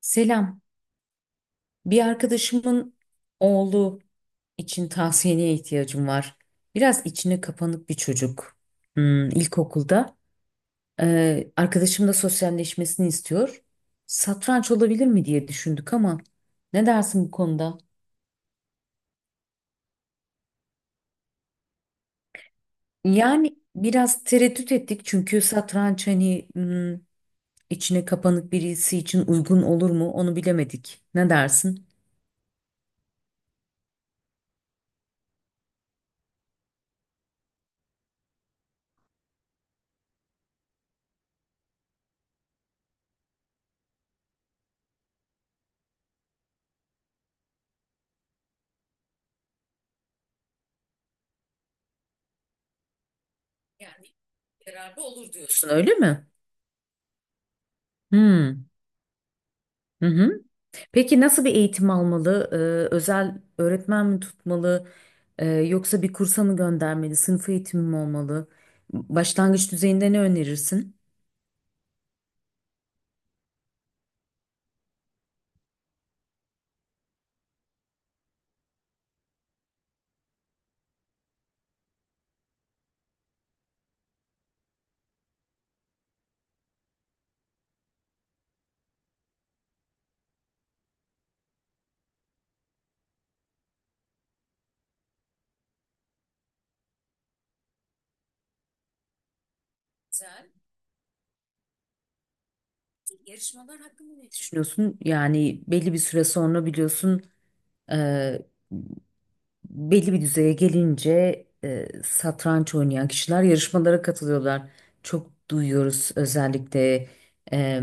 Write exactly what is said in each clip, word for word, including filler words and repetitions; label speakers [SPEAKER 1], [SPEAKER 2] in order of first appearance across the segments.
[SPEAKER 1] Selam. Bir arkadaşımın oğlu için tavsiyene ihtiyacım var. Biraz içine kapanık bir çocuk. Hmm, ilkokulda. Ee, arkadaşım da sosyalleşmesini istiyor. Satranç olabilir mi diye düşündük ama ne dersin bu konuda? Yani biraz tereddüt ettik çünkü satranç hani hmm, içine kapanık birisi için uygun olur mu onu bilemedik. Ne dersin? Yani yararlı olur diyorsun öyle mi? Hmm. Hı hı. Peki nasıl bir eğitim almalı? Ee, özel öğretmen mi tutmalı? Ee, yoksa bir kursa mı göndermeli? Sınıf eğitimi mi olmalı? Başlangıç düzeyinde ne önerirsin? Güzel. Yarışmalar hakkında ne düşünüyorsun? Yani belli bir süre sonra biliyorsun e, belli bir düzeye gelince e, satranç oynayan kişiler yarışmalara katılıyorlar. Çok duyuyoruz özellikle e,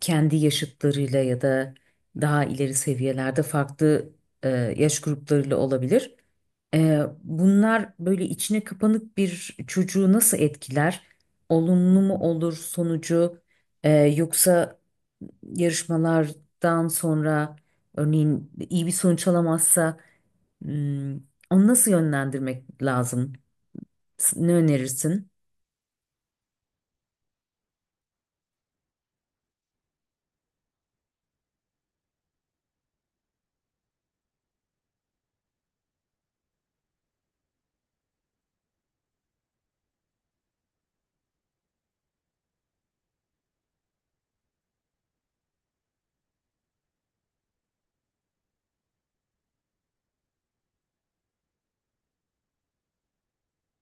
[SPEAKER 1] kendi yaşıtlarıyla ya da daha ileri seviyelerde farklı e, yaş gruplarıyla olabilir. E, bunlar böyle içine kapanık bir çocuğu nasıl etkiler? Olumlu mu olur sonucu? E, yoksa yarışmalardan sonra örneğin iyi bir sonuç alamazsa Hmm, onu nasıl yönlendirmek lazım? S- Ne önerirsin?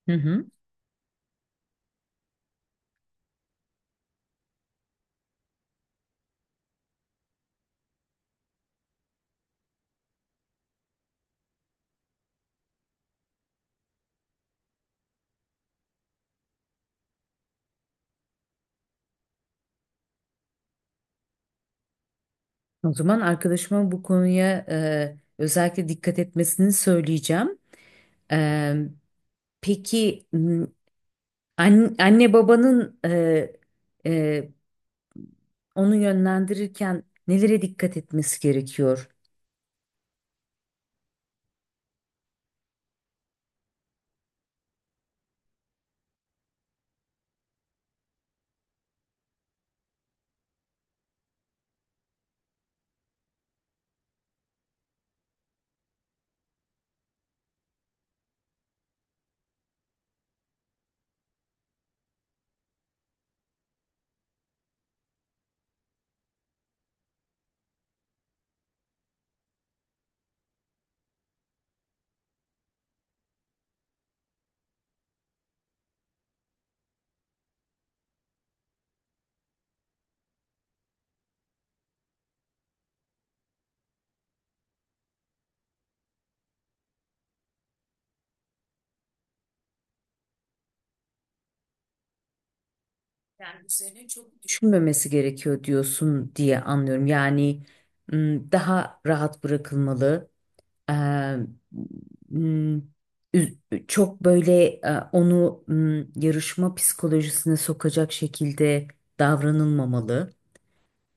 [SPEAKER 1] Hı hı. O zaman arkadaşıma bu konuya e, özellikle dikkat etmesini söyleyeceğim. E, peki m, an- anne babanın e, e, onu yönlendirirken nelere dikkat etmesi gerekiyor? Yani üzerine çok düşünmemesi gerekiyor diyorsun diye anlıyorum. Yani m, daha rahat bırakılmalı. Eee, m, üz- Çok böyle e, onu m, yarışma psikolojisine sokacak şekilde davranılmamalı.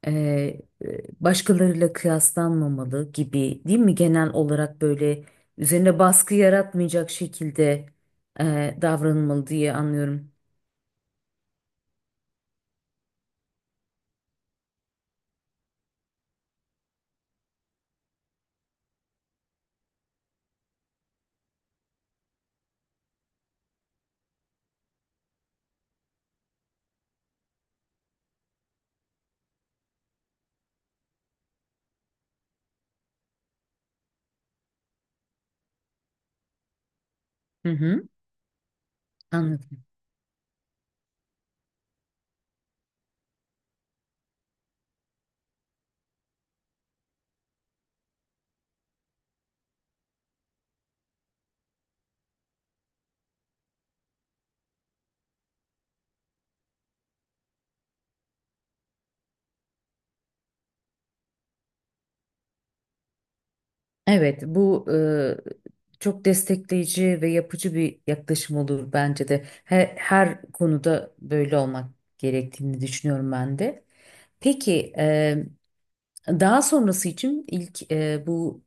[SPEAKER 1] Eee, e, başkalarıyla kıyaslanmamalı gibi değil mi? Genel olarak böyle üzerine baskı yaratmayacak şekilde e, davranılmalı diye anlıyorum. Hı hı, anladım. Evet, bu e, çok destekleyici ve yapıcı bir yaklaşım olur bence de. Her, her konuda böyle olmak gerektiğini düşünüyorum ben de. Peki, e, daha sonrası için ilk e, bu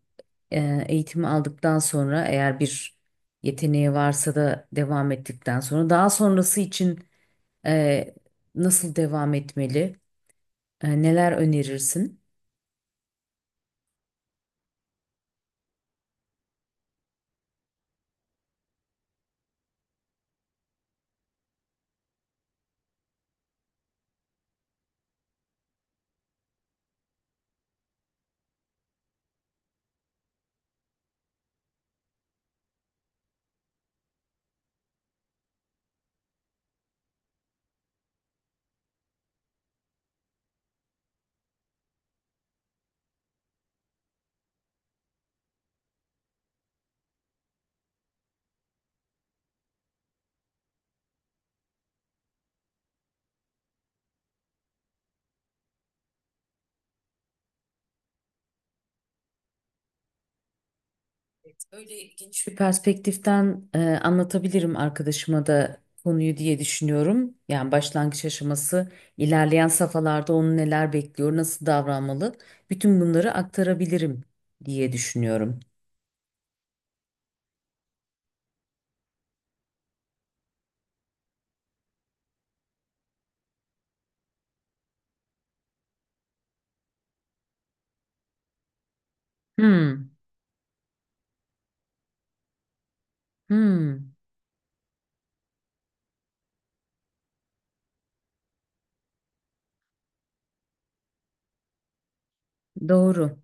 [SPEAKER 1] e, eğitimi aldıktan sonra eğer bir yeteneği varsa da devam ettikten sonra daha sonrası için e, nasıl devam etmeli? E, neler önerirsin? Öyle geniş bir perspektiften e, anlatabilirim arkadaşıma da konuyu diye düşünüyorum. Yani başlangıç aşaması, ilerleyen safhalarda onu neler bekliyor, nasıl davranmalı, bütün bunları aktarabilirim diye düşünüyorum. Hmm, hmm, doğru.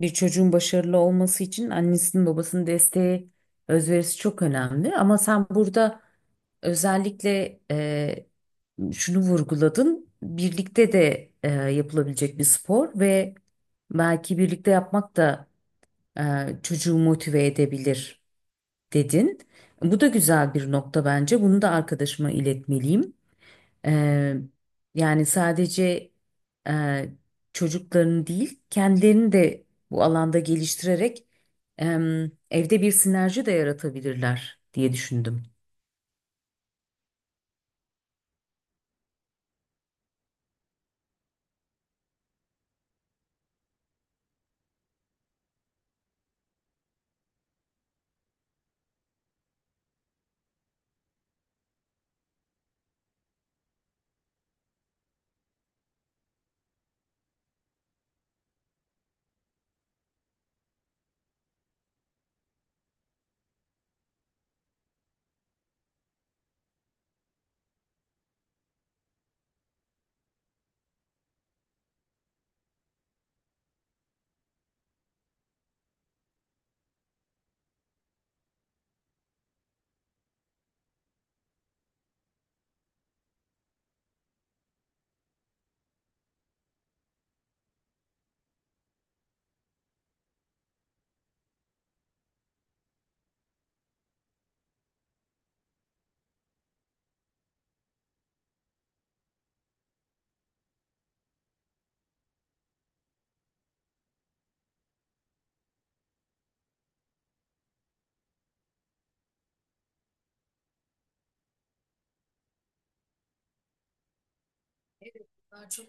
[SPEAKER 1] Bir çocuğun başarılı olması için annesinin babasının desteği, özverisi çok önemli. Ama sen burada özellikle e, şunu vurguladın. Birlikte de e, yapılabilecek bir spor ve belki birlikte yapmak da e, çocuğu motive edebilir dedin. Bu da güzel bir nokta bence. Bunu da arkadaşıma iletmeliyim. Ee, Yani sadece e, çocuklarını değil, kendilerini de bu alanda geliştirerek em, evde bir sinerji de yaratabilirler diye düşündüm.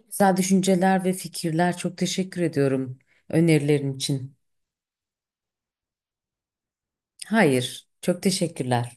[SPEAKER 1] Güzel düşünceler ve fikirler. Çok teşekkür ediyorum önerilerin için. Hayır, çok teşekkürler.